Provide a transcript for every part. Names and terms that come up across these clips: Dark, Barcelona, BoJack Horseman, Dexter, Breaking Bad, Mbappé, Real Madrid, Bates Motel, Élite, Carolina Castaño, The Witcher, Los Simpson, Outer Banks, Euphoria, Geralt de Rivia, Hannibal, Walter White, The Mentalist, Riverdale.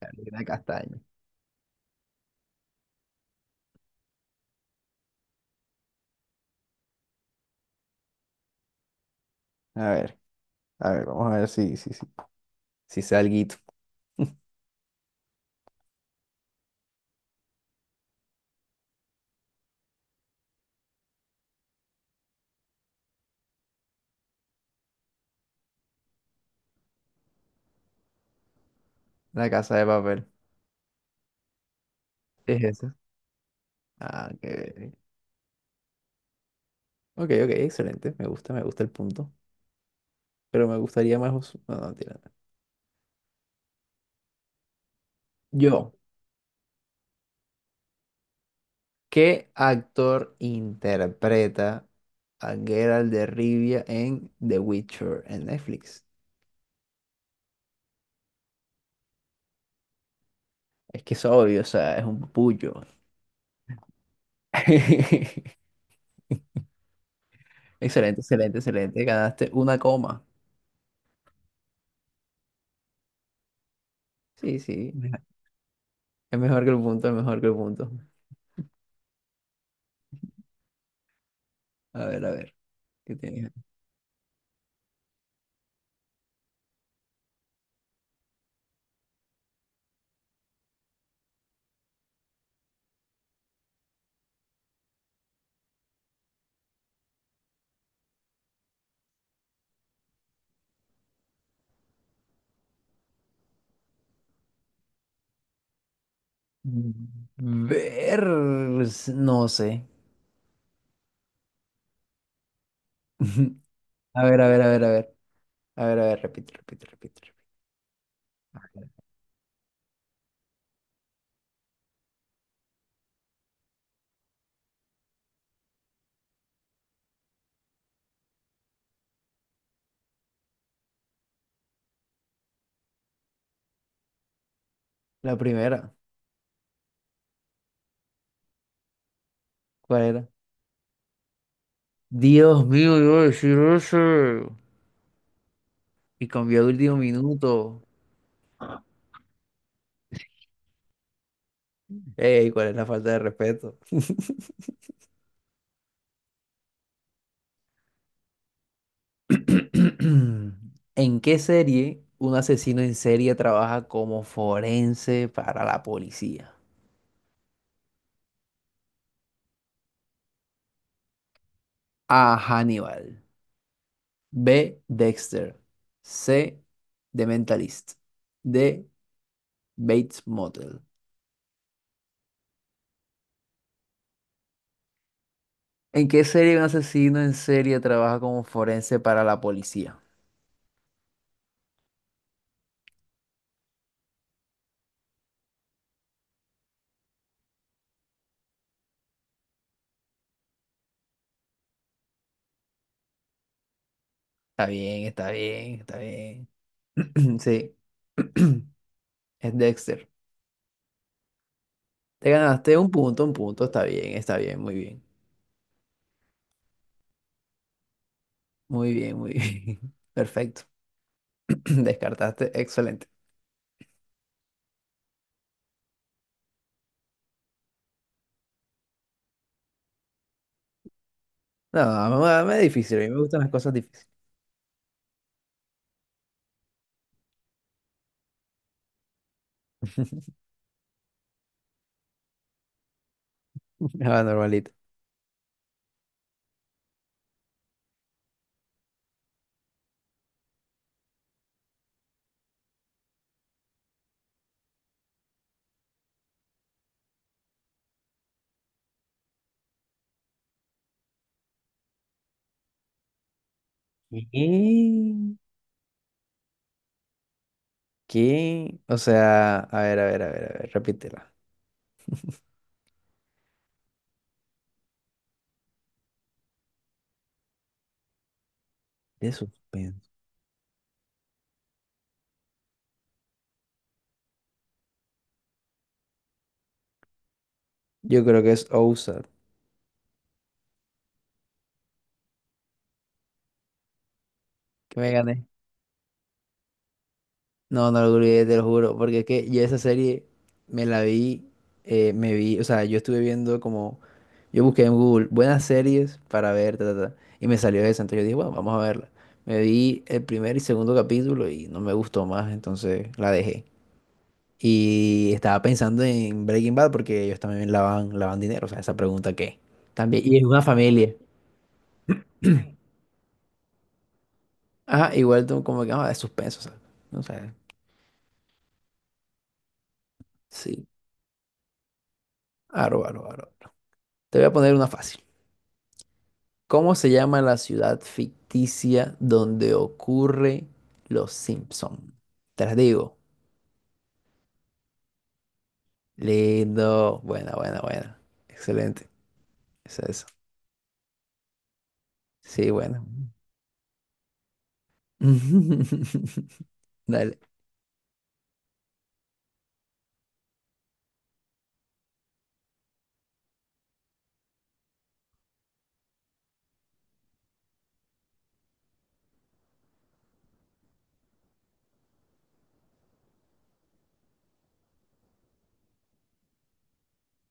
Carolina Castaño. A ver, a ver, vamos a ver si sé alguito. La casa de papel. Es esa. Ah, qué... Ok, ok, excelente. Me gusta el punto. Pero me gustaría más... No, no, tira. Yo. ¿Qué actor interpreta a Geralt de Rivia en The Witcher en Netflix? Es que es obvio, o sea, es un pullo. Excelente, excelente, excelente. Ganaste una coma. Sí, sí. Es mejor que el punto, es mejor que el punto. A ver, a ver. ¿Qué tienes? Ver. No sé. A ver, a ver, a ver, a ver. A ver, a ver, repite. La primera. ¿Cuál era? Dios mío, yo decir eso. Y cambió de último minuto. Ey, ¿cuál es la falta de respeto? ¿En qué serie un asesino en serie trabaja como forense para la policía? A. Hannibal. B. Dexter. C. The Mentalist. D. Bates Motel. ¿En qué serie un asesino en serie trabaja como forense para la policía? Está bien, está bien, está bien. Sí, es Dexter. Te ganaste un punto, un punto. Está bien, muy bien. Muy bien, muy bien. Perfecto. Descartaste, excelente. No, me es difícil, a mí me gustan las cosas difíciles. Ah, normalito. ¿Qué? ¿Qué? O sea, a ver, a ver, a ver, a ver, repítela. De suspenso. Yo creo que es OSAD. Que me gané. No, no lo olvidé, te lo juro. Porque es que yo esa serie me la vi, me vi, o sea, yo estuve viendo como, yo busqué en Google buenas series para ver, ta, ta, ta, y me salió esa. Entonces yo dije, bueno, vamos a verla. Me vi el primer y segundo capítulo y no me gustó más, entonces la dejé. Y estaba pensando en Breaking Bad porque ellos también lavan dinero, o sea, esa pregunta que también, y es una familia. Ajá, igual tú como que, ah, de suspenso, o sea, no sé, sí, aro, aro, aro. Te voy a poner una fácil. ¿Cómo se llama la ciudad ficticia donde ocurre Los Simpson? Te las digo. Lindo, buena, buena, buena. Excelente, es eso. Sí, bueno. Dale.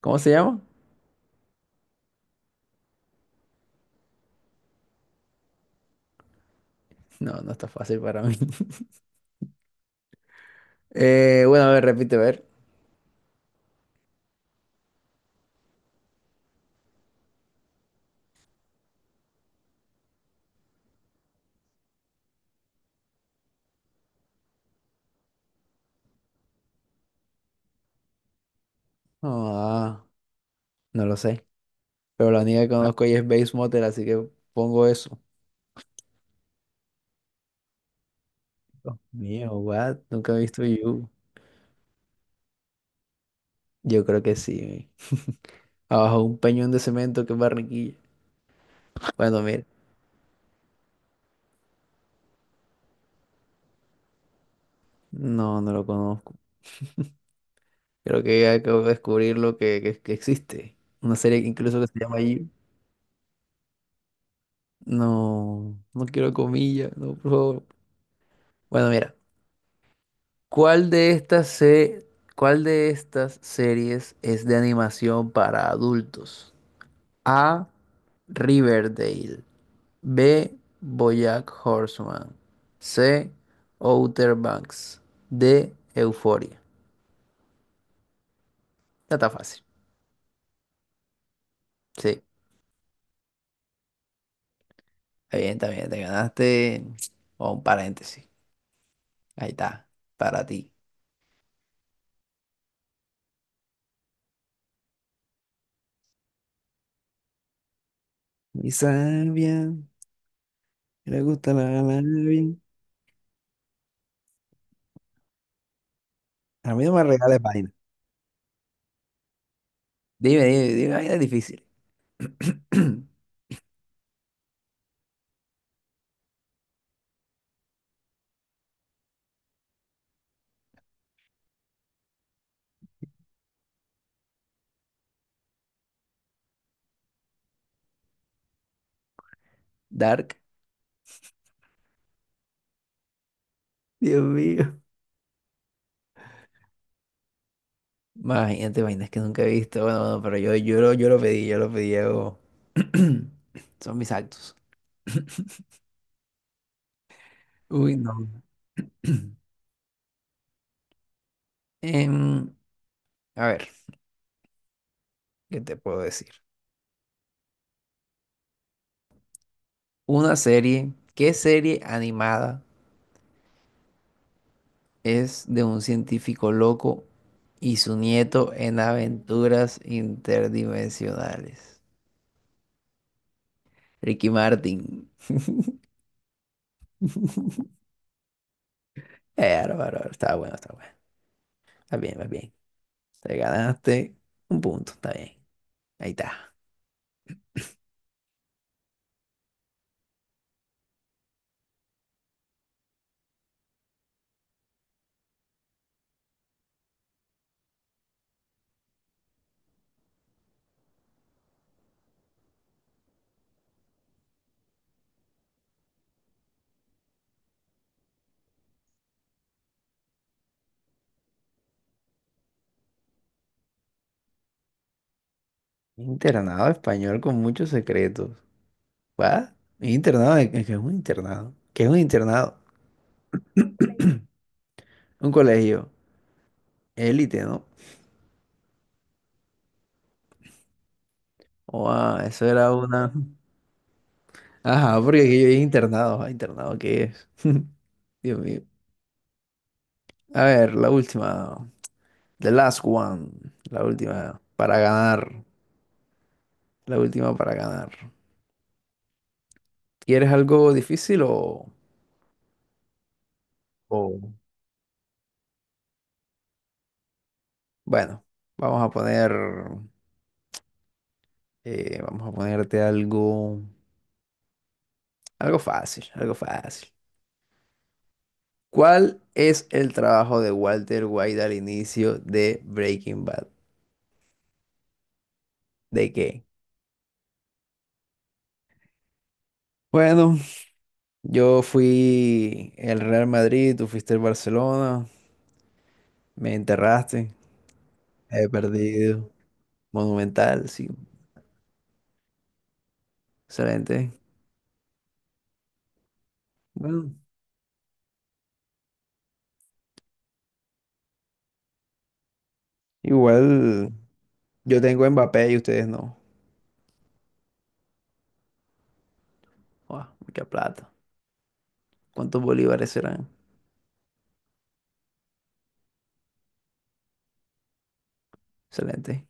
¿Cómo se llama? No, no está fácil para mí. Bueno, a ver, repite, a ver. Ah, no lo sé. Pero la única que Ah, conozco ahí es Base Motel, así que pongo eso. No. Mío, what? Nunca he visto You. Yo creo que sí. Abajo un peñón de cemento que es Barranquilla. Bueno, mira. No, no lo conozco. Creo que acabo de descubrir lo que existe. Una serie que incluso que se llama You. No, no quiero comillas, no, por favor. Bueno, mira. ¿Cuál de estas se- ¿cuál de estas series es de animación para adultos? A. Riverdale. B. BoJack Horseman. C. Outer Banks. D. Euphoria. Ya está fácil. Sí, está bien, está bien. Te ganaste o un paréntesis. Ahí está, para ti. Mi sabia, le gusta la labia. A mí no me regales vaina. Dime, dime, dime, vaina difícil. Dark. Dios mío. Imagínate vainas que nunca he visto. Bueno, bueno, pero yo lo pedí, yo lo pedí. Son mis actos. Uy, no. Em, a ver, ¿qué te puedo decir? Una serie, ¿qué serie animada es de un científico loco y su nieto en aventuras interdimensionales? Ricky Martin. Bárbaro, está bueno, está bueno. Está bien, está bien. Te ganaste un punto, está bien. Ahí está. Internado español con muchos secretos. ¿Va? Internado, ¿qué es un internado? ¿Qué es un internado? Un colegio. Élite, ¿no? Oh, ah, eso era una. Ajá, porque aquí yo dije internado. Ah, internado, ¿qué es? Dios mío. A ver, la última. The last one. La última. Para ganar. La última para ganar. ¿Quieres algo difícil o...? o- Bueno, vamos a poner... vamos a ponerte algo... Algo fácil, algo fácil. ¿Cuál es el trabajo de Walter White al inicio de Breaking Bad? ¿De qué? Bueno, yo fui el Real Madrid, tú fuiste el Barcelona, me enterraste, he perdido. Monumental, sí, excelente. Bueno, igual yo tengo Mbappé y ustedes no. Guau, mucha plata. ¿Cuántos bolívares serán? Excelente.